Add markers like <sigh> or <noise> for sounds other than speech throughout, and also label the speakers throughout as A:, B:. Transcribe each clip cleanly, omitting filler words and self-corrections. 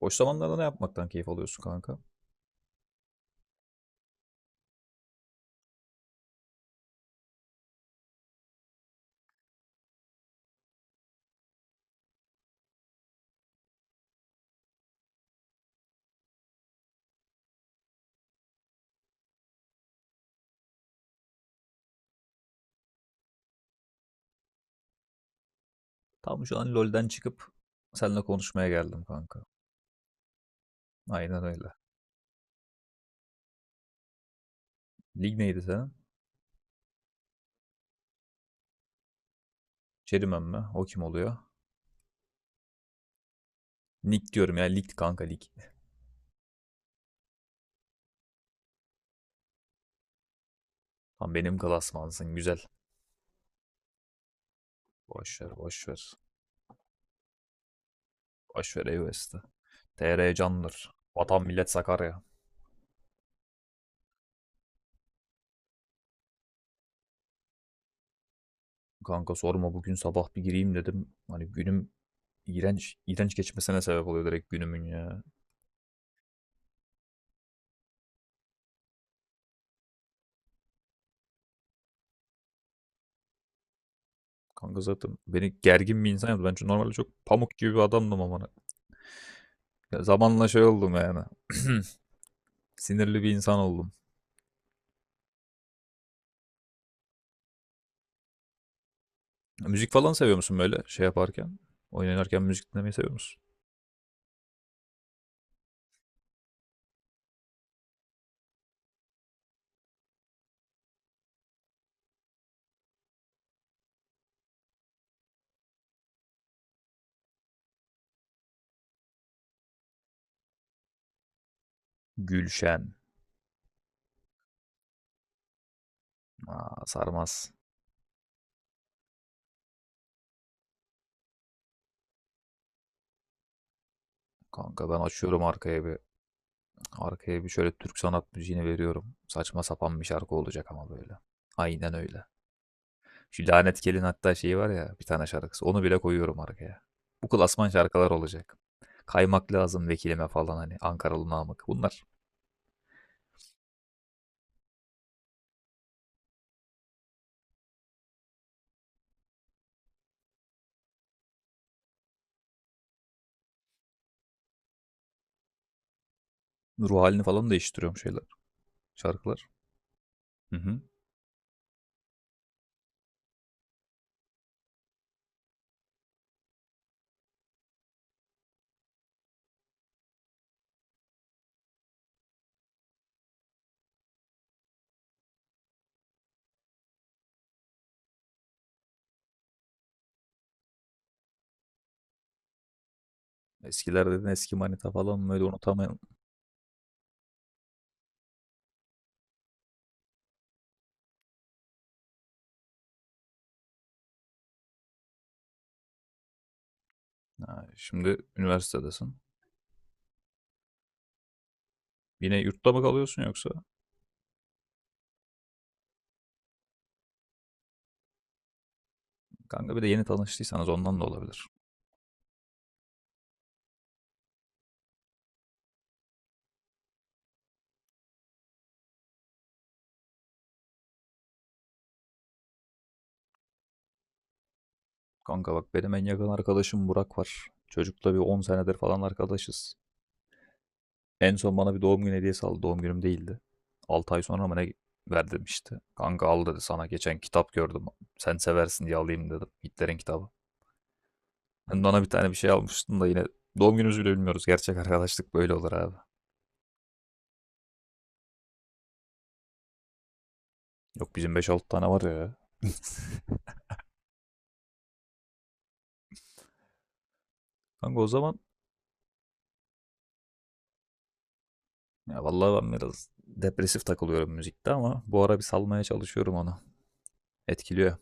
A: Boş zamanlarda ne yapmaktan keyif alıyorsun kanka? Tam şu an LoL'den çıkıp seninle konuşmaya geldim kanka. Aynen öyle. Lig neydi senin? Çerimen mi? O kim oluyor? Nick diyorum ya. Lig kanka lig. Tam benim klasmansın güzel. Boş ver boş ver. Boş ver EOS'te. TR candır. Vatan millet Sakarya. Kanka sorma, bugün sabah bir gireyim dedim. Hani günüm iğrenç, iğrenç geçmesine sebep oluyor direkt günümün ya. Kanka zaten beni gergin bir insan yaptı. Ben çünkü normalde çok pamuk gibi bir adamdım ama hani. Ya zamanla şey oldum yani. <clears throat> Sinirli bir insan oldum. Müzik falan seviyor musun böyle şey yaparken? Oyun oynarken müzik dinlemeyi seviyor musun? Gülşen. Aa, sarmaz. Kanka ben açıyorum arkaya bir. Arkaya bir şöyle Türk sanat müziğini veriyorum. Saçma sapan bir şarkı olacak ama böyle. Aynen öyle. Şu lanet gelin hatta şeyi var ya, bir tane şarkısı. Onu bile koyuyorum arkaya. Bu klasman şarkılar olacak. Kaymak lazım vekilime falan, hani Ankaralı Namık. Bunlar ruh halini falan değiştiriyorum, şeyler. Şarkılar. Hı hı. Eskiler dedin, eski manita falan böyle unutamayan. Ha, şimdi üniversitedesin. Yine yurtta mı kalıyorsun yoksa? Kanka bir de yeni tanıştıysanız ondan da olabilir. Kanka bak, benim en yakın arkadaşım Burak var. Çocukla bir 10 senedir falan arkadaşız. En son bana bir doğum günü hediyesi aldı. Doğum günüm değildi. 6 ay sonra mı ne verdim işte. Kanka, al dedi, sana geçen kitap gördüm. Sen seversin diye alayım dedim. Hitler'in kitabı. Sen bana bir tane bir şey almıştın da yine, doğum günümüzü bile bilmiyoruz. Gerçek arkadaşlık böyle olur abi. Yok bizim beş altı tane var ya. Kanka o zaman. Ya vallahi ben biraz depresif takılıyorum müzikte ama bu ara bir salmaya çalışıyorum onu. Etkiliyor.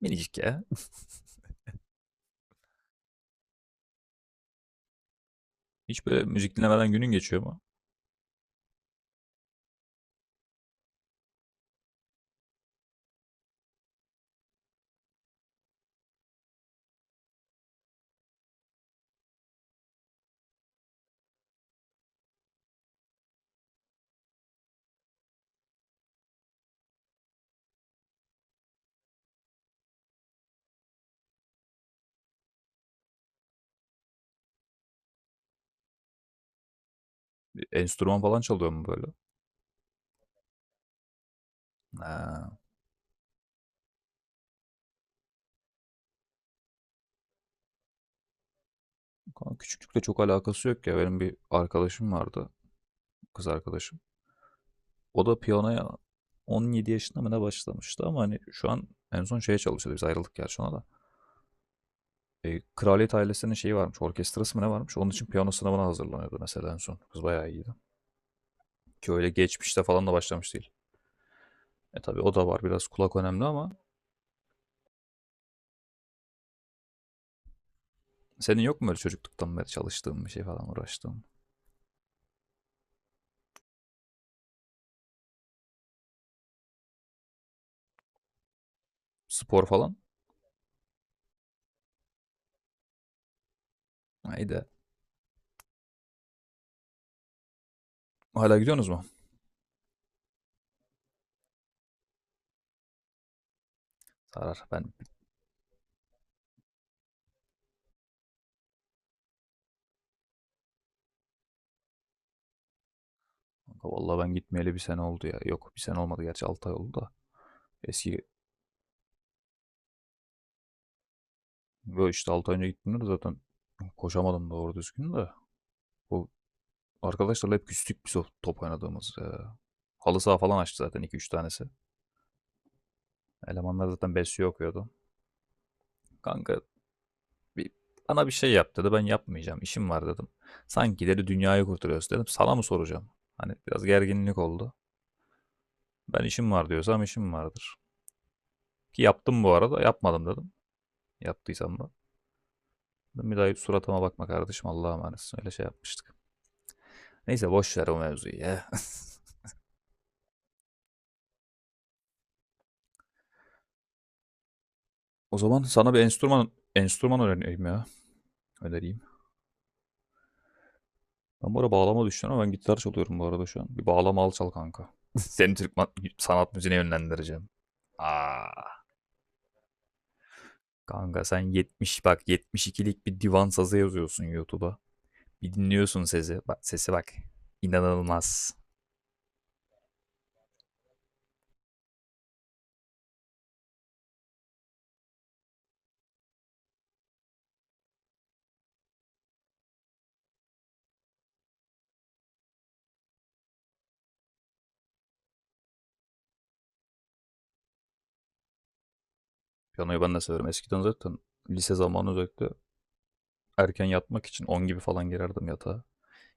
A: Minicik ya. Hiç böyle müzik dinlemeden günün geçiyor mu? Bir enstrüman falan çalıyor mu böyle? Ha. Kanka küçüklükle çok alakası yok ya. Benim bir arkadaşım vardı. Kız arkadaşım. O da piyanoya 17 yaşında mı ne başlamıştı ama hani şu an en son şeye çalışıyordu. Biz ayrıldık gerçi ona da. Kraliyet ailesinin şeyi varmış. Orkestrası mı ne varmış? Onun için piyano sınavına hazırlanıyordu mesela en son. Kız bayağı iyiydi. Ki öyle geçmişte falan da başlamış değil. E tabii, o da var, biraz kulak önemli ama senin yok mu böyle çocukluktan beri çalıştığın bir şey falan, uğraştığın? Spor falan? Haydi. Hala gidiyorsunuz mu? Sarar. Vallahi ben gitmeyeli bir sene oldu ya. Yok, bir sene olmadı gerçi, 6 ay oldu da. Eski böyle, işte 6 ay önce gittiğimde de zaten koşamadım doğru düzgün de. Bu arkadaşlarla hep küstük biz, o top oynadığımız. Halı saha falan açtı zaten iki üç tanesi. Elemanlar zaten besliyor okuyordu. Kanka Bir, bana bir şey yap dedi. Ben yapmayacağım, işim var dedim. Sanki dedi dünyayı kurtarıyoruz, dedim, sana mı soracağım? Hani biraz gerginlik oldu. Ben işim var diyorsam işim vardır. Ki yaptım bu arada. Yapmadım dedim. Yaptıysam da. Dedim, bir daha suratıma bakma kardeşim. Allah'a emanetsin. Öyle şey yapmıştık. Neyse boş ver o mevzuyu ya. <laughs> O zaman sana bir enstrüman öğreneyim ya. Önereyim. Ben bu arada bağlama düşünüyorum ama ben gitar çalıyorum bu arada şu an. Bir bağlama al çal kanka. <laughs> Seni Türk sanat müziğine yönlendireceğim. Aa. Kanka sen 70 bak, 72'lik bir divan sazı yazıyorsun YouTube'a. Bir dinliyorsun sesi. Bak sesi, bak. İnanılmaz. Piyanoyu ben de severim. Eskiden zaten lise zamanı özellikle erken yatmak için 10 gibi falan girerdim yatağa.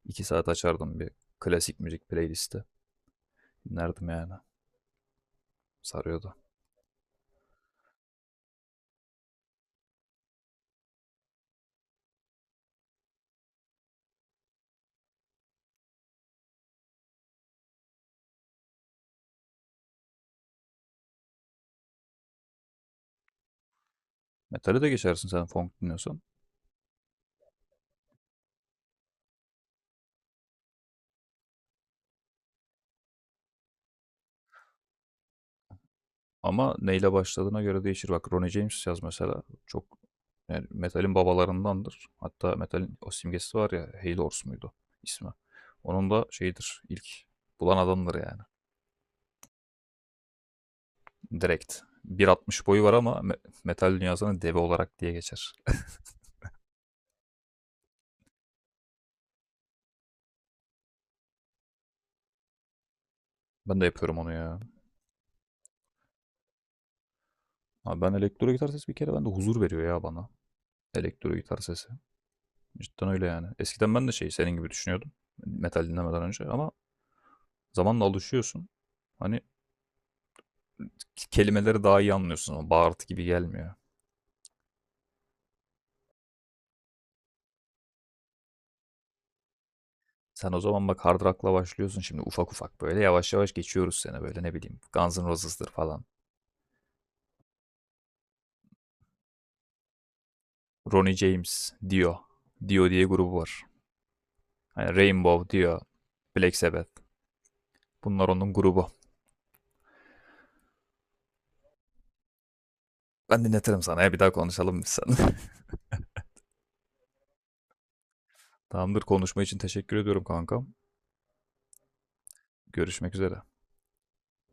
A: İki saat açardım bir klasik müzik playlisti. Dinlerdim yani. Sarıyordu. Metale de geçersin sen funk dinliyorsan. Ama neyle başladığına göre değişir. Bak Ronnie James yaz mesela. Çok yani, metalin babalarındandır. Hatta metalin o simgesi var ya, Hale Horse muydu ismi. Onun da şeyidir, ilk bulan adamdır yani. Direkt. 1,60 boyu var ama metal dünyasına deve olarak diye geçer. <laughs> Ben de yapıyorum onu ya. Abi ben, elektro gitar sesi bir kere bende huzur veriyor ya, bana. Elektro gitar sesi. Cidden öyle yani. Eskiden ben de şey, senin gibi düşünüyordum. Metal dinlemeden önce ama zamanla alışıyorsun. Hani kelimeleri daha iyi anlıyorsun ama bağırtı gibi gelmiyor. Sen o zaman bak, hard rock'la başlıyorsun, şimdi ufak ufak böyle yavaş yavaş geçiyoruz seni böyle ne bileyim Guns N' Roses'dır falan. Ronnie James, Dio. Dio diye grubu var. Hani Rainbow, Dio, Black Sabbath. Bunlar onun grubu. Ben dinletirim sana ya, bir daha konuşalım biz seninle. <laughs> Tamamdır, konuşma için teşekkür ediyorum kankam. Görüşmek üzere.